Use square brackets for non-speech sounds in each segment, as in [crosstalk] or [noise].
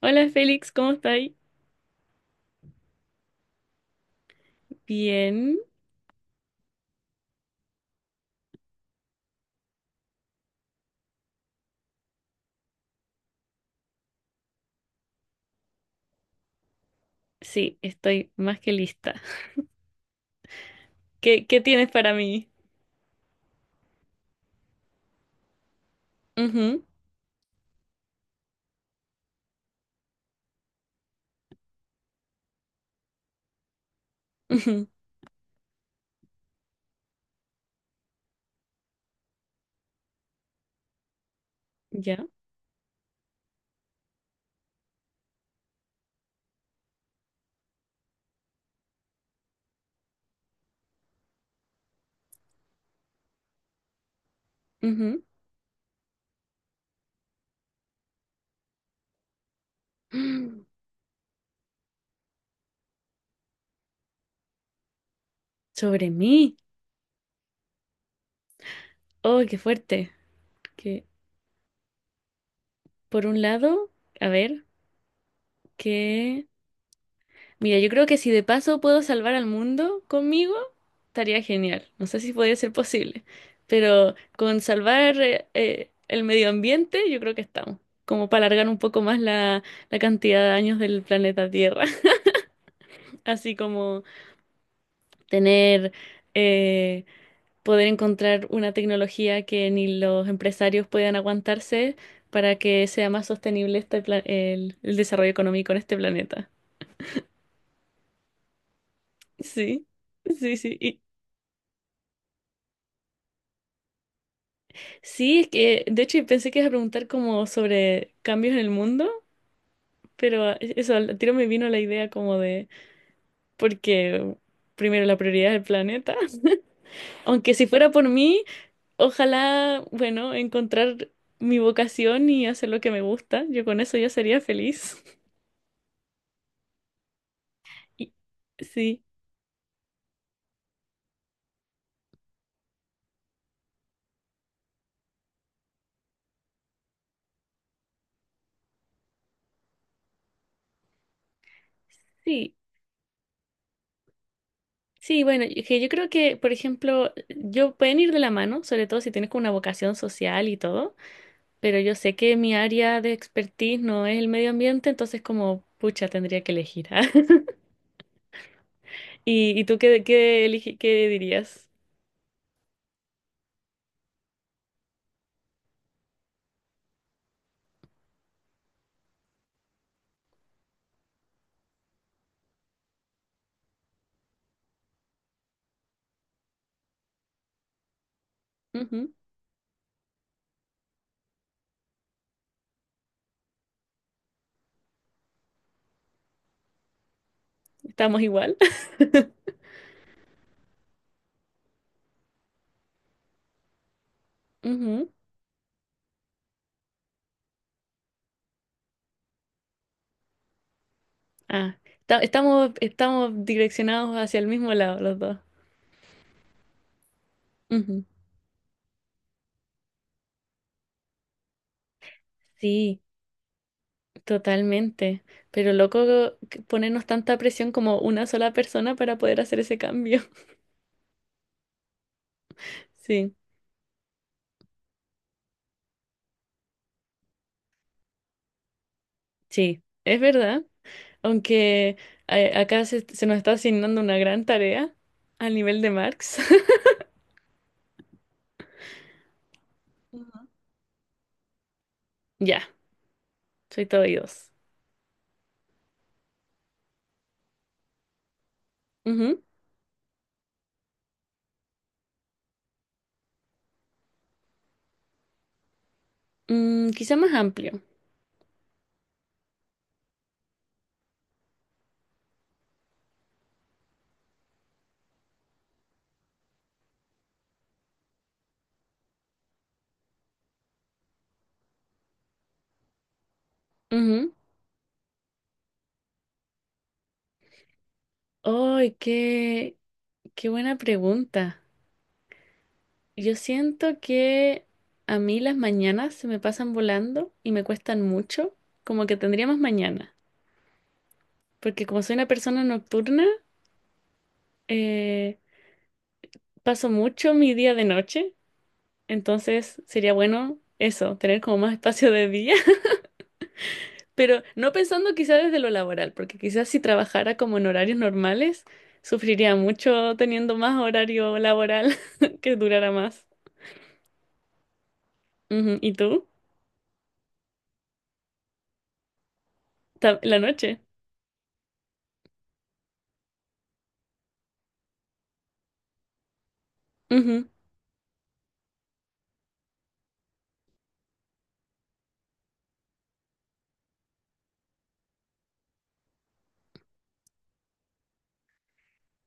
Hola Félix, ¿cómo estáis? Bien, sí, estoy más que lista. ¿Qué tienes para mí? Ujú, ujú, ya, ujú. Mm, sobre mí. Oh, qué fuerte. Que por un lado, a ver, que mira, yo creo que si de paso puedo salvar al mundo conmigo, estaría genial. No sé si podría ser posible, pero con salvar el medio ambiente, yo creo que estamos. Como para alargar un poco más la cantidad de años del planeta Tierra. Así como tener, eh, poder encontrar una tecnología que ni los empresarios puedan aguantarse para que sea más sostenible el desarrollo económico en este planeta. Sí, sí, sí. Y sí, es que de hecho pensé que ibas a preguntar como sobre cambios en el mundo, pero eso, al tiro me vino la idea como de, porque primero la prioridad es el planeta. [laughs] Aunque si fuera por mí... Ojalá, bueno, encontrar mi vocación y hacer lo que me gusta. Yo con eso ya sería feliz. [laughs] Y- sí, sí, sí, bueno, y que yo creo que, por ejemplo, yo pueden ir de la mano, sobre todo si tienes como una vocación social y todo, pero yo sé que mi área de expertise no es el medio ambiente, entonces como, pucha, tendría que elegir. ¿Ah? [laughs] ¿Y, y tú qué, qué dirías? Ujú, ¿estamos igual? [laughs] Ujú. Ah, estamos, estamos direccionados hacia el mismo lado los dos. Ujú. Sí, totalmente. Pero loco que ponernos tanta presión como una sola persona para poder hacer ese cambio. [laughs] Sí, sí, es verdad. Aunque acá se nos está asignando una gran tarea al nivel de Marx. [laughs] Ujú. Ya, soy todo oídos. Ujú. Mm, quizá más amplio. Ujú. Ay, qué buena pregunta. Yo siento que a mí las mañanas se me pasan volando y me cuestan mucho, como que tendría más mañana. Porque como soy una persona nocturna, eh, paso mucho mi día de noche, entonces sería bueno eso, tener como más espacio de día, [laughs] pero no pensando quizás desde lo laboral, porque quizás si trabajara como en horarios normales, sufriría mucho teniendo más horario laboral [laughs] que durara más. Ujú, ¿y tú? La noche. Ujú.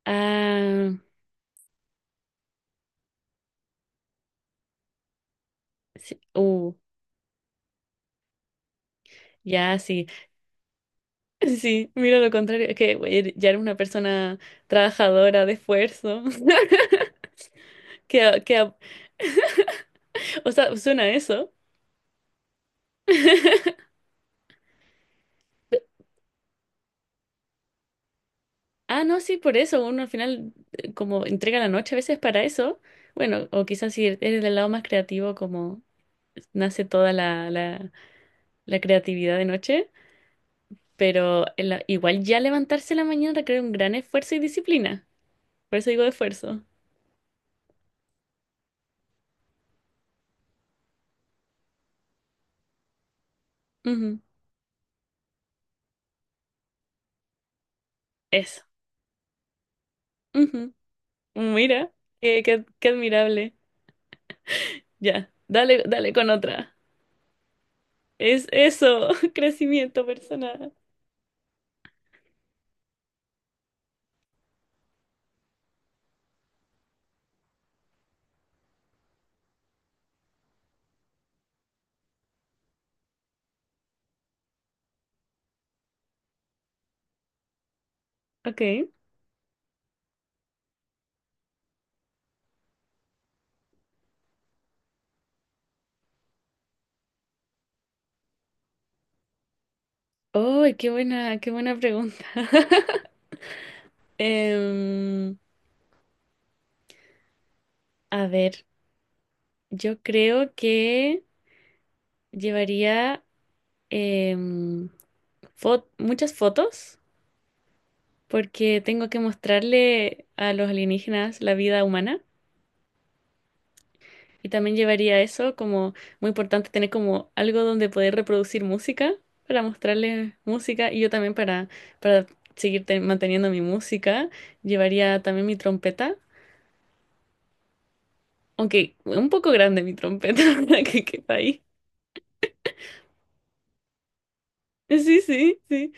Ah, sí. Ya, sí. Sí, mira lo contrario, es que güey, ya era una persona trabajadora de esfuerzo. [laughs] Que, a- que, a- o sea, suena a eso. [laughs] Ah, no, sí, por eso uno al final como entrega la noche a veces para eso. Bueno, o quizás si eres del lado más creativo, como nace toda la creatividad de noche, pero igual ya levantarse en la mañana requiere un gran esfuerzo y disciplina. Por eso digo de esfuerzo. Ujú, eso. Ujú. Mira, qué admirable. Ya, dale, dale con otra. Es eso, [laughs] crecimiento personal. Ok. Oh, qué buena pregunta. [laughs] Em, a ver, yo creo que llevaría em, muchas fotos porque tengo que mostrarle a los alienígenas la vida humana. Y también llevaría eso como muy importante tener como algo donde poder reproducir música para mostrarle música y yo también para seguir manteniendo mi música. Llevaría también mi trompeta, aunque un poco grande mi trompeta [laughs] para que quepa ahí. Sí, sí, sí.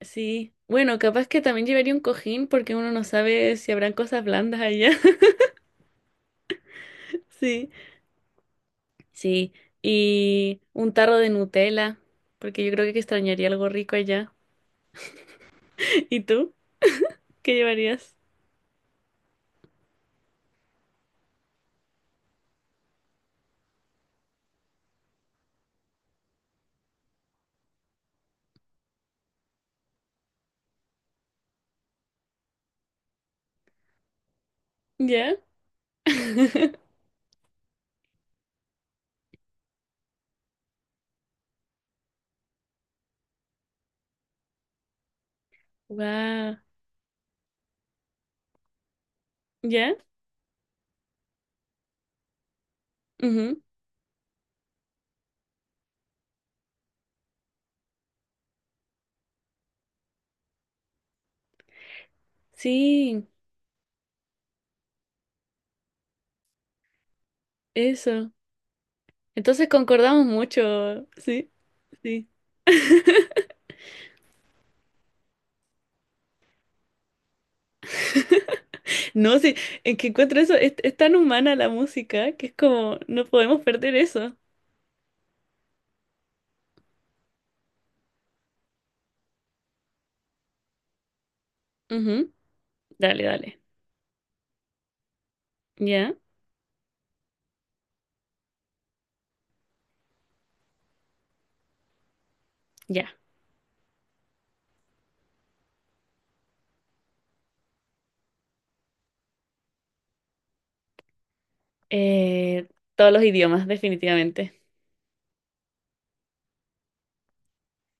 Sí. Bueno, capaz que también llevaría un cojín porque uno no sabe si habrán cosas blandas allá. [laughs] Sí, sí. Y un tarro de Nutella, porque yo creo que extrañaría algo rico allá. [laughs] ¿Y tú? ¿Qué llevarías? ¿Ya? [laughs] Wow. ¿Ya? Ujú. Sí, eso. Entonces concordamos mucho, sí, sí. No, sí, en que encuentro eso, es tan humana la música que es como, no podemos perder eso. Ujú. Dale, dale. ¿Ya? Ya. Eh, todos los idiomas, definitivamente.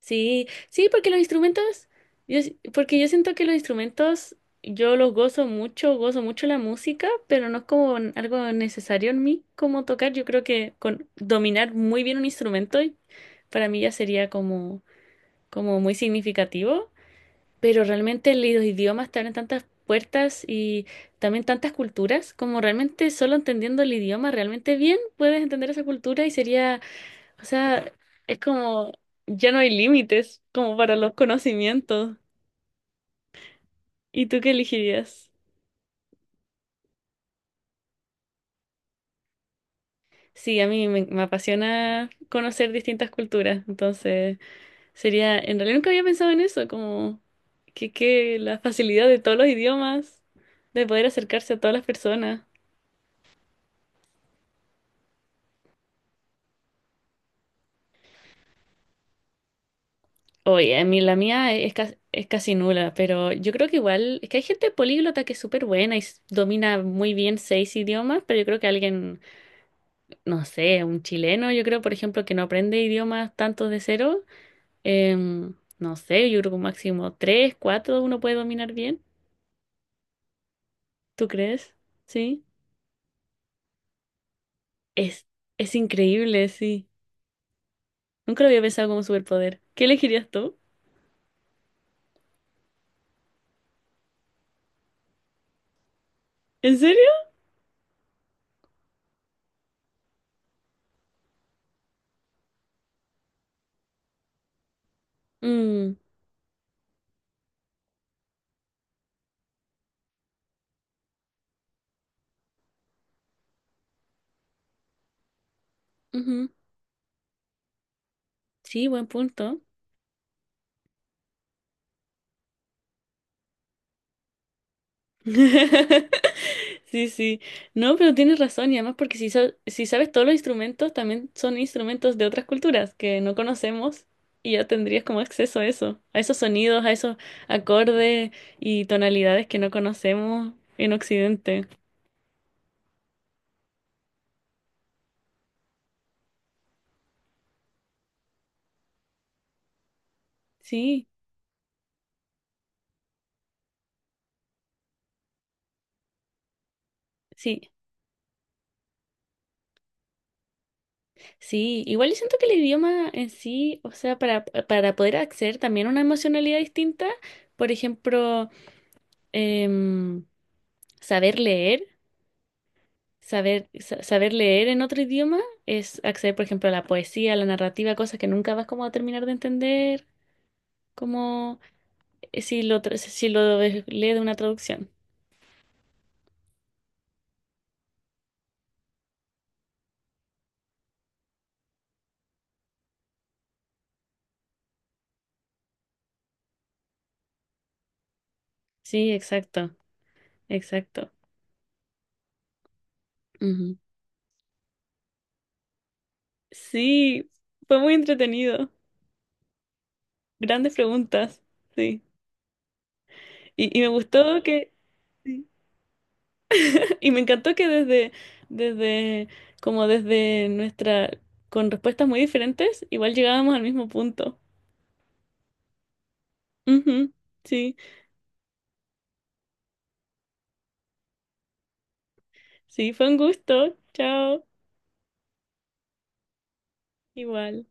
Sí, sí, porque los instrumentos, porque yo siento que los instrumentos, yo los gozo mucho la música, pero no es como algo necesario en mí como tocar. Yo creo que con dominar muy bien un instrumento para mí ya sería como, como muy significativo, pero realmente los idiomas te abren tantas puertas y también tantas culturas, como realmente solo entendiendo el idioma realmente bien puedes entender esa cultura y sería, o sea, es como, ya no hay límites como para los conocimientos. ¿Y tú qué elegirías? Sí, a mí me apasiona conocer distintas culturas, entonces sería, en realidad nunca había pensado en eso, como que la facilidad de todos los idiomas, de poder acercarse a todas las personas. Oye, a mí la mía es, es casi nula, pero yo creo que igual, es que hay gente políglota que es súper buena y domina muy bien seis idiomas, pero yo creo que alguien no sé, un chileno, yo creo, por ejemplo, que no aprende idiomas tanto de cero, no sé, yo creo que un máximo tres, cuatro uno puede dominar bien. ¿Tú crees? Sí. Es, es increíble, sí. Nunca lo había pensado como superpoder. ¿Qué elegirías tú? ¿En serio? Mm, ujú. Sí, buen punto. [laughs] Sí, sí. No, pero tienes razón, y además porque si, si sabes todos los instrumentos, también son instrumentos de otras culturas que no conocemos y ya tendrías como acceso a eso, a esos sonidos, a esos acordes y tonalidades que no conocemos en Occidente. Sí, sí, sí. Igual yo siento que el idioma en sí, o sea, para poder acceder también a una emocionalidad distinta, por ejemplo, em, saber leer. Saber, saber leer en otro idioma es acceder, por ejemplo, a la poesía, a la narrativa, cosas que nunca vas como a terminar de entender, como si lo, si lo lees de una traducción. Sí, exacto, exacto. Ujú. Sí, fue muy entretenido. Grandes preguntas, sí. Y me gustó que, sí. [laughs] Y me encantó que desde, desde, como desde nuestra, con respuestas muy diferentes, igual llegábamos al mismo punto. Ujú, sí. Sí, fue un gusto. Chao. Igual.